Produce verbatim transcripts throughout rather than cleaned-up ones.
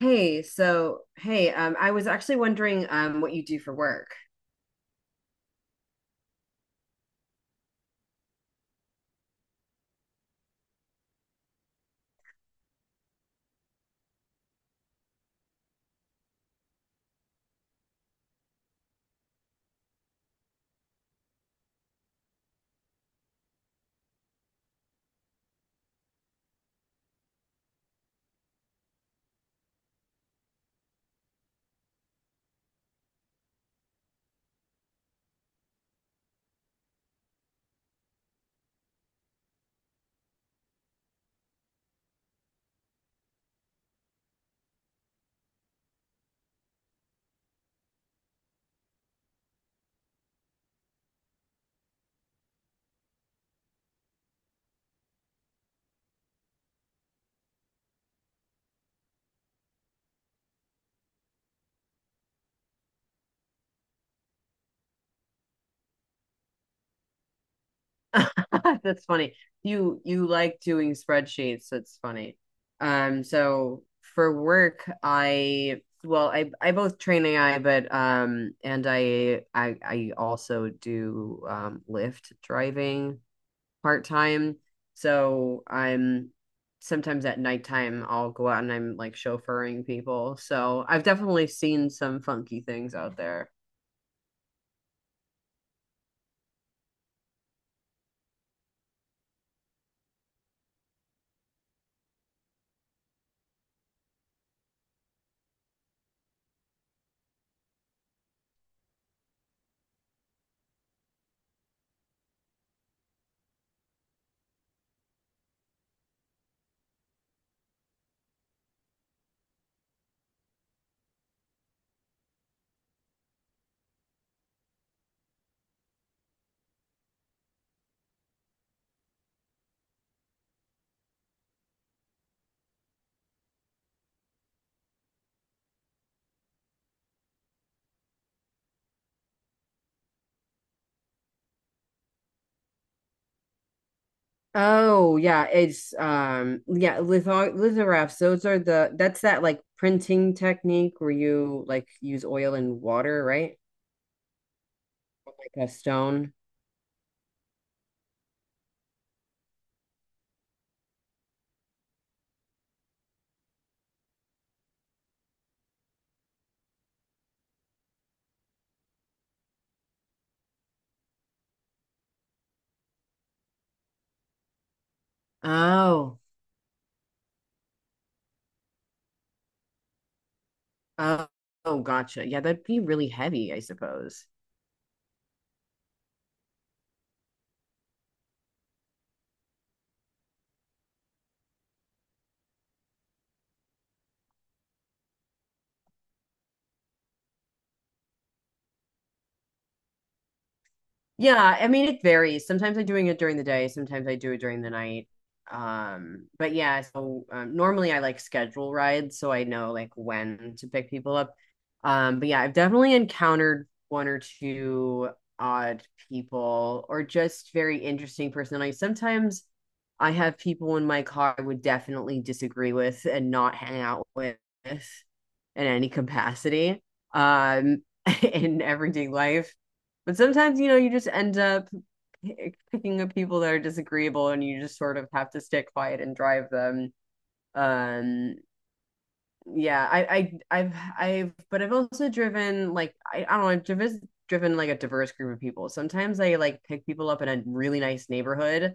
Hey, so hey, um, I was actually wondering um what you do for work. That's funny. You you like doing spreadsheets. That's funny. Um, so for work, I well, I I both train A I, but um, and I I I also do um Lyft driving part time. So I'm sometimes at nighttime I'll go out and I'm like chauffeuring people. So I've definitely seen some funky things out there. Oh yeah, it's um yeah, litho lithographs, those are the that's that like printing technique where you like use oil and water, right? Like a stone. Oh. Oh, oh, gotcha. Yeah, that'd be really heavy, I suppose. Yeah, I mean it varies. Sometimes I'm doing it during the day, sometimes I do it during the night. Um, but yeah, so um, normally I like schedule rides so I know like when to pick people up. Um, but yeah, I've definitely encountered one or two odd people or just very interesting personalities. Sometimes I have people in my car I would definitely disagree with and not hang out with in any capacity. Um, in everyday life but sometimes, you know, you just end up picking up people that are disagreeable and you just sort of have to stay quiet and drive them. Um, yeah, I, I, I've, I've, but I've also driven like, I, I don't know, I've driven, driven like a diverse group of people. Sometimes I like pick people up in a really nice neighborhood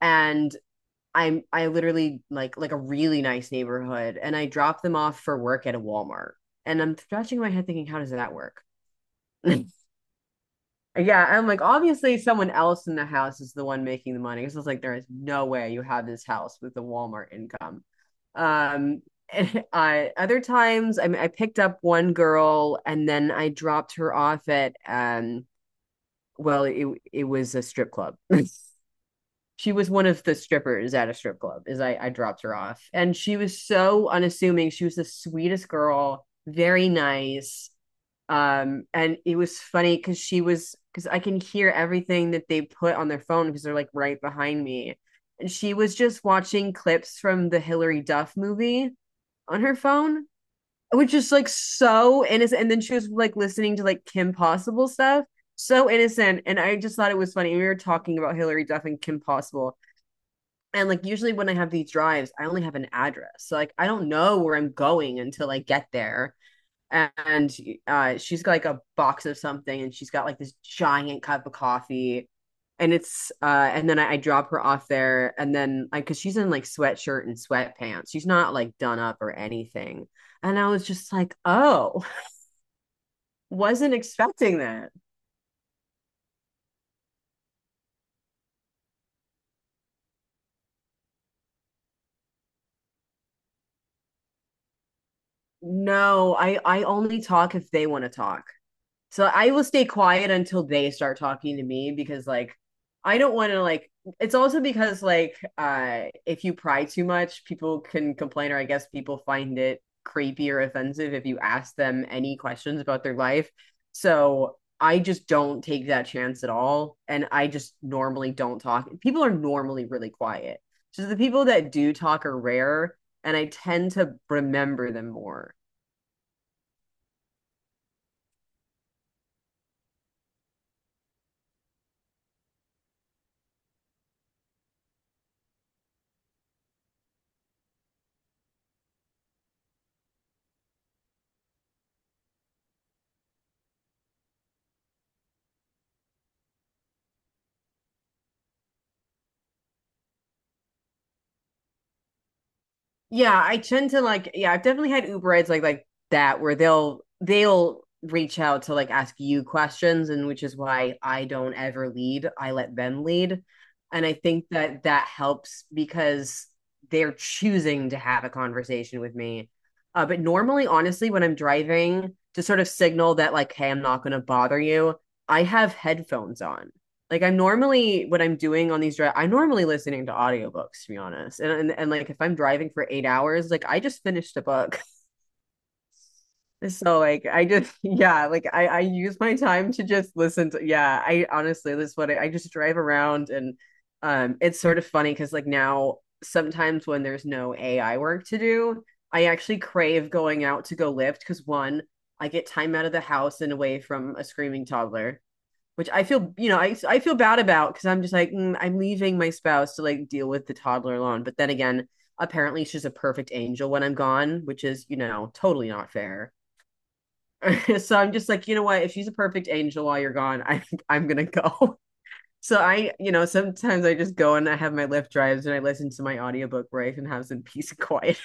and I'm, I literally like, like a really nice neighborhood, and I drop them off for work at a Walmart. And I'm scratching my head thinking, how does that work? Like, yeah, I'm like, obviously, someone else in the house is the one making the money. Because I was like, there is no way you have this house with the Walmart income. Um, and I, other times, I mean, I picked up one girl and then I dropped her off at, um, well, it it was a strip club. She was one of the strippers at a strip club. is I, I dropped her off, and she was so unassuming. She was the sweetest girl, very nice. Um and it was funny because she was, because I can hear everything that they put on their phone because they're like right behind me, and she was just watching clips from the Hillary Duff movie on her phone, which is like so innocent. And then she was like listening to like Kim Possible stuff, so innocent. And I just thought it was funny. We were talking about Hillary Duff and Kim Possible. And like usually when I have these drives, I only have an address. So like I don't know where I'm going until I get there. And uh, she's got like a box of something and she's got like this giant cup of coffee. And it's uh and then I, I drop her off there, and then like cause she's in like sweatshirt and sweatpants. She's not like done up or anything. And I was just like, oh, wasn't expecting that. No, I I only talk if they want to talk. So I will stay quiet until they start talking to me, because like I don't want to like, it's also because like uh if you pry too much, people can complain, or I guess people find it creepy or offensive if you ask them any questions about their life. So I just don't take that chance at all, and I just normally don't talk. People are normally really quiet. So the people that do talk are rare, and I tend to remember them more. Yeah, I tend to like, yeah, I've definitely had Uber Eats like like that where they'll they'll reach out to like ask you questions, and which is why I don't ever lead. I let them lead. And I think that that helps because they're choosing to have a conversation with me. Uh, but normally, honestly, when I'm driving, to sort of signal that like, hey, I'm not going to bother you, I have headphones on. Like I'm normally, what I'm doing on these drive, I'm normally listening to audiobooks, to be honest. And, and and like if I'm driving for eight hours, like I just finished a book. So like I just yeah, like I I use my time to just listen to yeah, I honestly this is what I, I just drive around. And um it's sort of funny cuz like now sometimes when there's no A I work to do, I actually crave going out to go lift cuz one, I get time out of the house and away from a screaming toddler, which I feel, you know, I I feel bad about because I'm just like mm, I'm leaving my spouse to like deal with the toddler alone. But then again, apparently she's a perfect angel when I'm gone, which is, you know, totally not fair. So I'm just like, you know what? If she's a perfect angel while you're gone, I I'm gonna go. So I, you know, sometimes I just go and I have my Lyft drives and I listen to my audiobook where I can have some peace and quiet.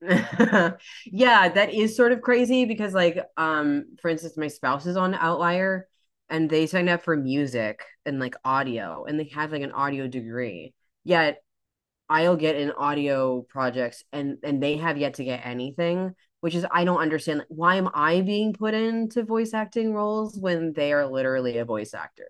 Yeah, that is sort of crazy because like um for instance my spouse is on Outlier and they signed up for music and like audio, and they have like an audio degree. Yet I'll get in audio projects, and and they have yet to get anything, which is, I don't understand, like, why am I being put into voice acting roles when they are literally a voice actor?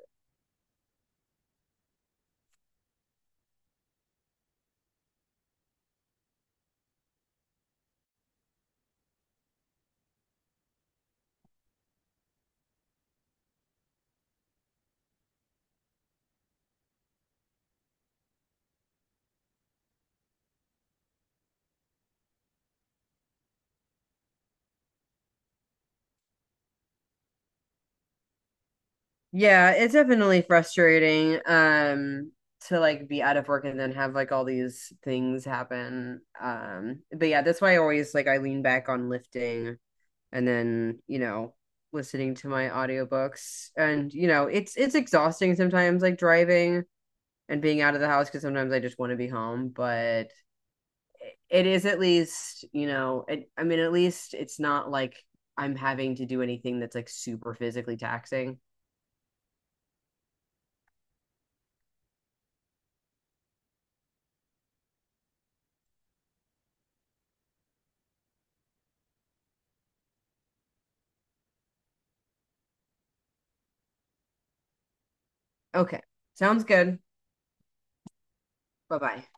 Yeah, it's definitely frustrating um to like be out of work and then have like all these things happen. Um but yeah, that's why I always like I lean back on lifting, and then, you know, listening to my audiobooks. And you know, it's it's exhausting sometimes like driving and being out of the house because sometimes I just want to be home, but it is, at least, you know, it, I mean at least it's not like I'm having to do anything that's like super physically taxing. Okay. Sounds good. Bye-bye.